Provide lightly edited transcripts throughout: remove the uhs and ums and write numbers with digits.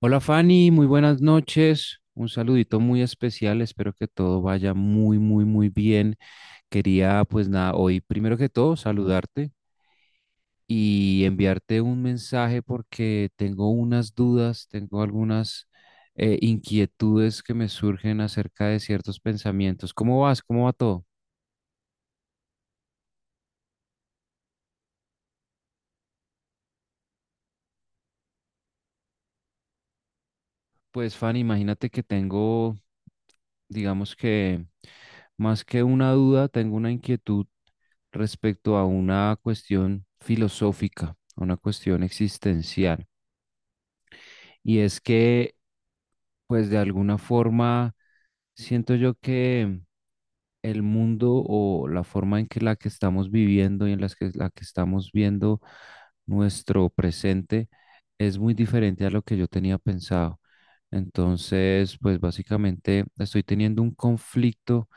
Hola Fanny, muy buenas noches. Un saludito muy especial. Espero que todo vaya muy, muy, muy bien. Quería, pues nada, hoy primero que todo saludarte y enviarte un mensaje porque tengo unas dudas, tengo algunas inquietudes que me surgen acerca de ciertos pensamientos. ¿Cómo vas? ¿Cómo va todo? Pues, Fanny, imagínate que tengo, digamos que más que una duda, tengo una inquietud respecto a una cuestión filosófica, a una cuestión existencial. Y es que, pues, de alguna forma, siento yo que el mundo o la forma en que la que estamos viviendo y en las que, la que estamos viendo nuestro presente es muy diferente a lo que yo tenía pensado. Entonces, pues básicamente estoy teniendo un conflicto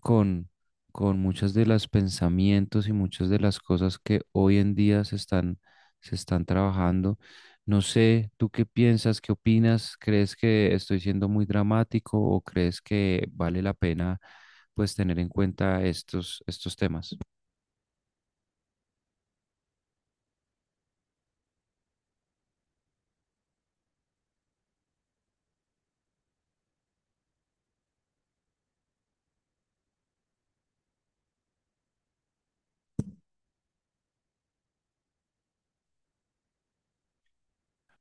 con, con muchas de las pensamientos y muchas de las cosas que hoy en día se están trabajando. No sé, ¿tú qué piensas? ¿Qué opinas? ¿Crees que estoy siendo muy dramático o crees que vale la pena pues tener en cuenta estos, estos temas?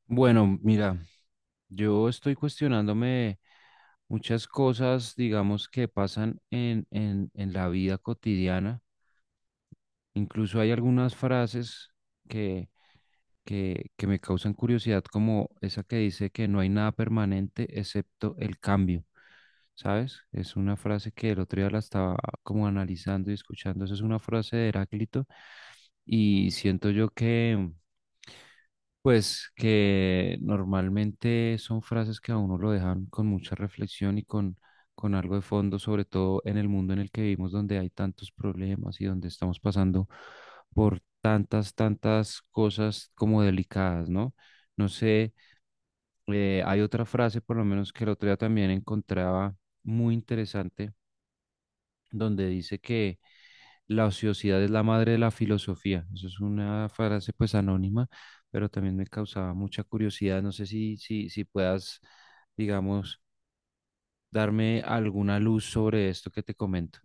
Bueno, mira, yo estoy cuestionándome muchas cosas, digamos, que pasan en la vida cotidiana. Incluso hay algunas frases que, que me causan curiosidad, como esa que dice que no hay nada permanente excepto el cambio. ¿Sabes? Es una frase que el otro día la estaba como analizando y escuchando. Esa es una frase de Heráclito y siento yo que pues que normalmente son frases que a uno lo dejan con mucha reflexión y con algo de fondo, sobre todo en el mundo en el que vivimos, donde hay tantos problemas y donde estamos pasando por tantas, tantas cosas como delicadas, ¿no? No sé, hay otra frase, por lo menos que el otro día también encontraba muy interesante, donde dice que la ociosidad es la madre de la filosofía. Eso es una frase pues anónima, pero también me causaba mucha curiosidad. No sé si puedas, digamos, darme alguna luz sobre esto que te comento.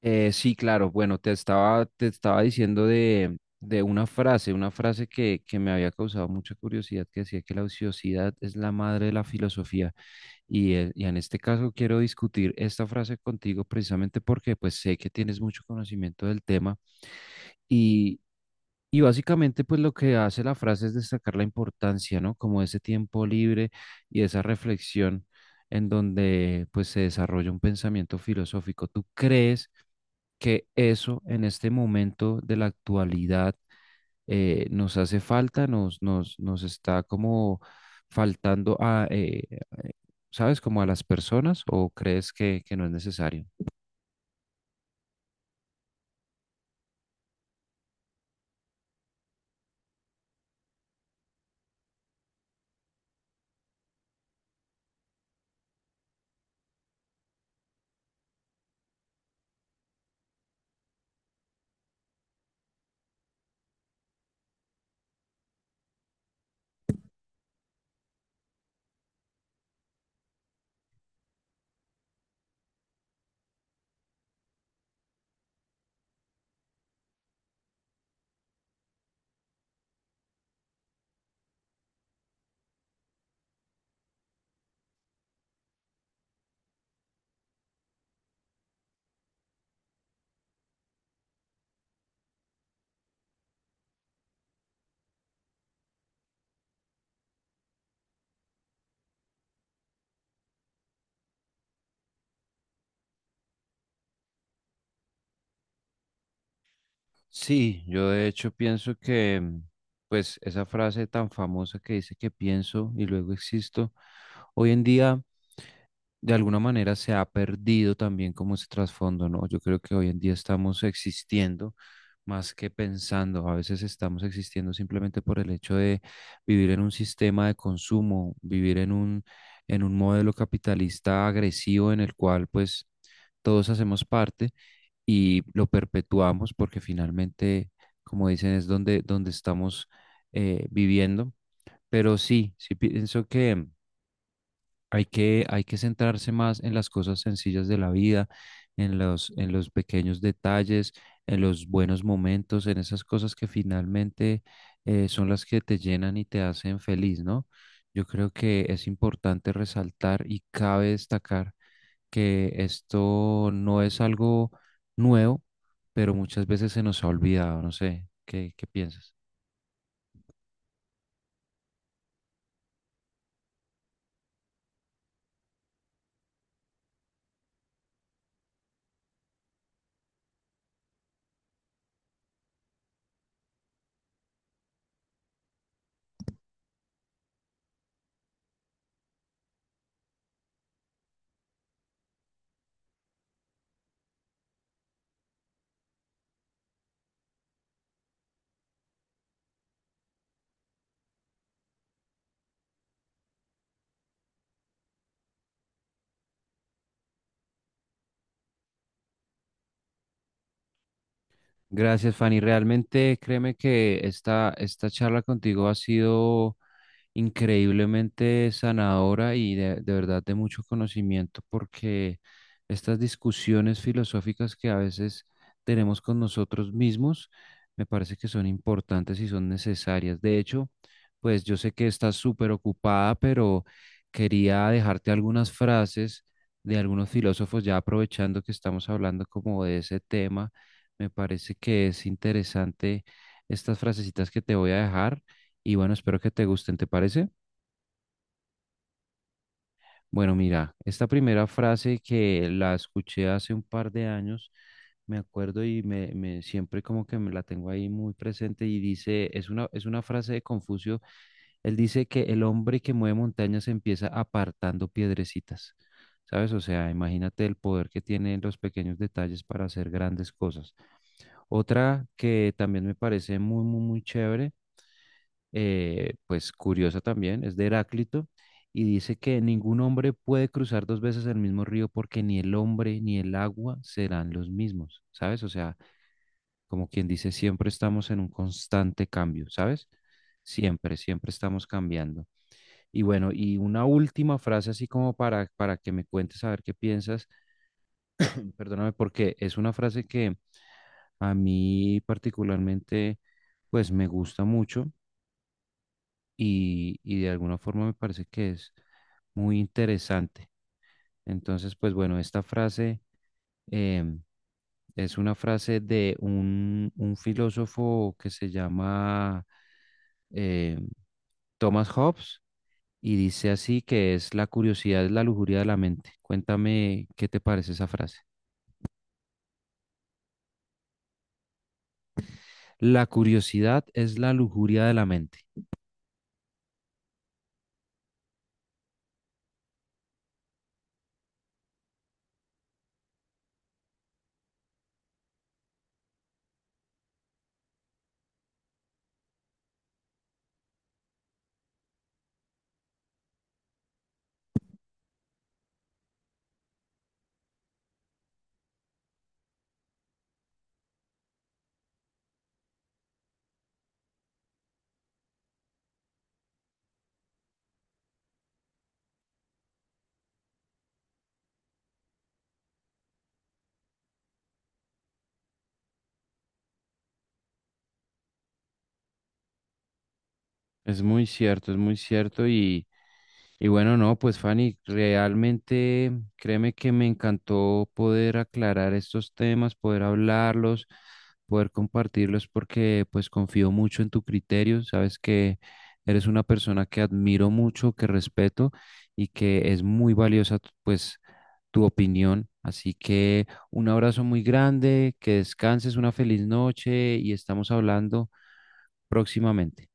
Sí, claro. Bueno, te estaba diciendo de una frase que me había causado mucha curiosidad, que decía que la ociosidad es la madre de la filosofía. Y en este caso quiero discutir esta frase contigo precisamente porque pues sé que tienes mucho conocimiento del tema y básicamente, pues lo que hace la frase es destacar la importancia, ¿no? Como ese tiempo libre y esa reflexión en donde pues se desarrolla un pensamiento filosófico. ¿Tú crees que eso en este momento de la actualidad nos hace falta, nos está como faltando a, ¿sabes? Como a las personas, o crees que no es necesario? Sí, yo de hecho pienso que, pues, esa frase tan famosa que dice que pienso y luego existo, hoy en día de alguna manera se ha perdido también como ese trasfondo, ¿no? Yo creo que hoy en día estamos existiendo más que pensando, a veces estamos existiendo simplemente por el hecho de vivir en un sistema de consumo, vivir en un modelo capitalista agresivo en el cual, pues, todos hacemos parte y lo perpetuamos porque finalmente, como dicen, es donde, donde estamos viviendo. Pero sí, sí pienso que hay que centrarse más en las cosas sencillas de la vida, en los pequeños detalles, en los buenos momentos, en esas cosas que finalmente son las que te llenan y te hacen feliz, ¿no? Yo creo que es importante resaltar y cabe destacar que esto no es algo nuevo, pero muchas veces se nos ha olvidado, no sé, ¿qué, qué piensas? Gracias, Fanny. Realmente créeme que esta charla contigo ha sido increíblemente sanadora y de verdad de mucho conocimiento, porque estas discusiones filosóficas que a veces tenemos con nosotros mismos me parece que son importantes y son necesarias. De hecho, pues yo sé que estás súper ocupada, pero quería dejarte algunas frases de algunos filósofos ya aprovechando que estamos hablando como de ese tema. Me parece que es interesante estas frasecitas que te voy a dejar y bueno, espero que te gusten, ¿te parece? Bueno, mira, esta primera frase que la escuché hace un par de años, me acuerdo y siempre como que me la tengo ahí muy presente y dice, es una frase de Confucio, él dice que el hombre que mueve montañas empieza apartando piedrecitas, ¿sabes? O sea, imagínate el poder que tienen los pequeños detalles para hacer grandes cosas. Otra que también me parece muy, muy, muy chévere, pues curiosa también, es de Heráclito, y dice que ningún hombre puede cruzar dos veces el mismo río porque ni el hombre ni el agua serán los mismos, ¿sabes? O sea, como quien dice, siempre estamos en un constante cambio, ¿sabes? Siempre, siempre estamos cambiando. Y bueno, y una última frase así como para que me cuentes a ver qué piensas, perdóname, porque es una frase que a mí particularmente, pues me gusta mucho y de alguna forma me parece que es muy interesante. Entonces, pues bueno, esta frase em, es una frase de un filósofo que se llama em, Thomas Hobbes y dice así que es la curiosidad es la lujuria de la mente. Cuéntame qué te parece esa frase. La curiosidad es la lujuria de la mente. Es muy cierto y... Y bueno, no, pues Fanny, realmente créeme que me encantó poder aclarar estos temas, poder hablarlos, poder compartirlos, porque pues confío mucho en tu criterio. Sabes que eres una persona que admiro mucho, que respeto y que es muy valiosa tu- pues tu opinión. Así que un abrazo muy grande, que descanses, una feliz noche y estamos hablando próximamente.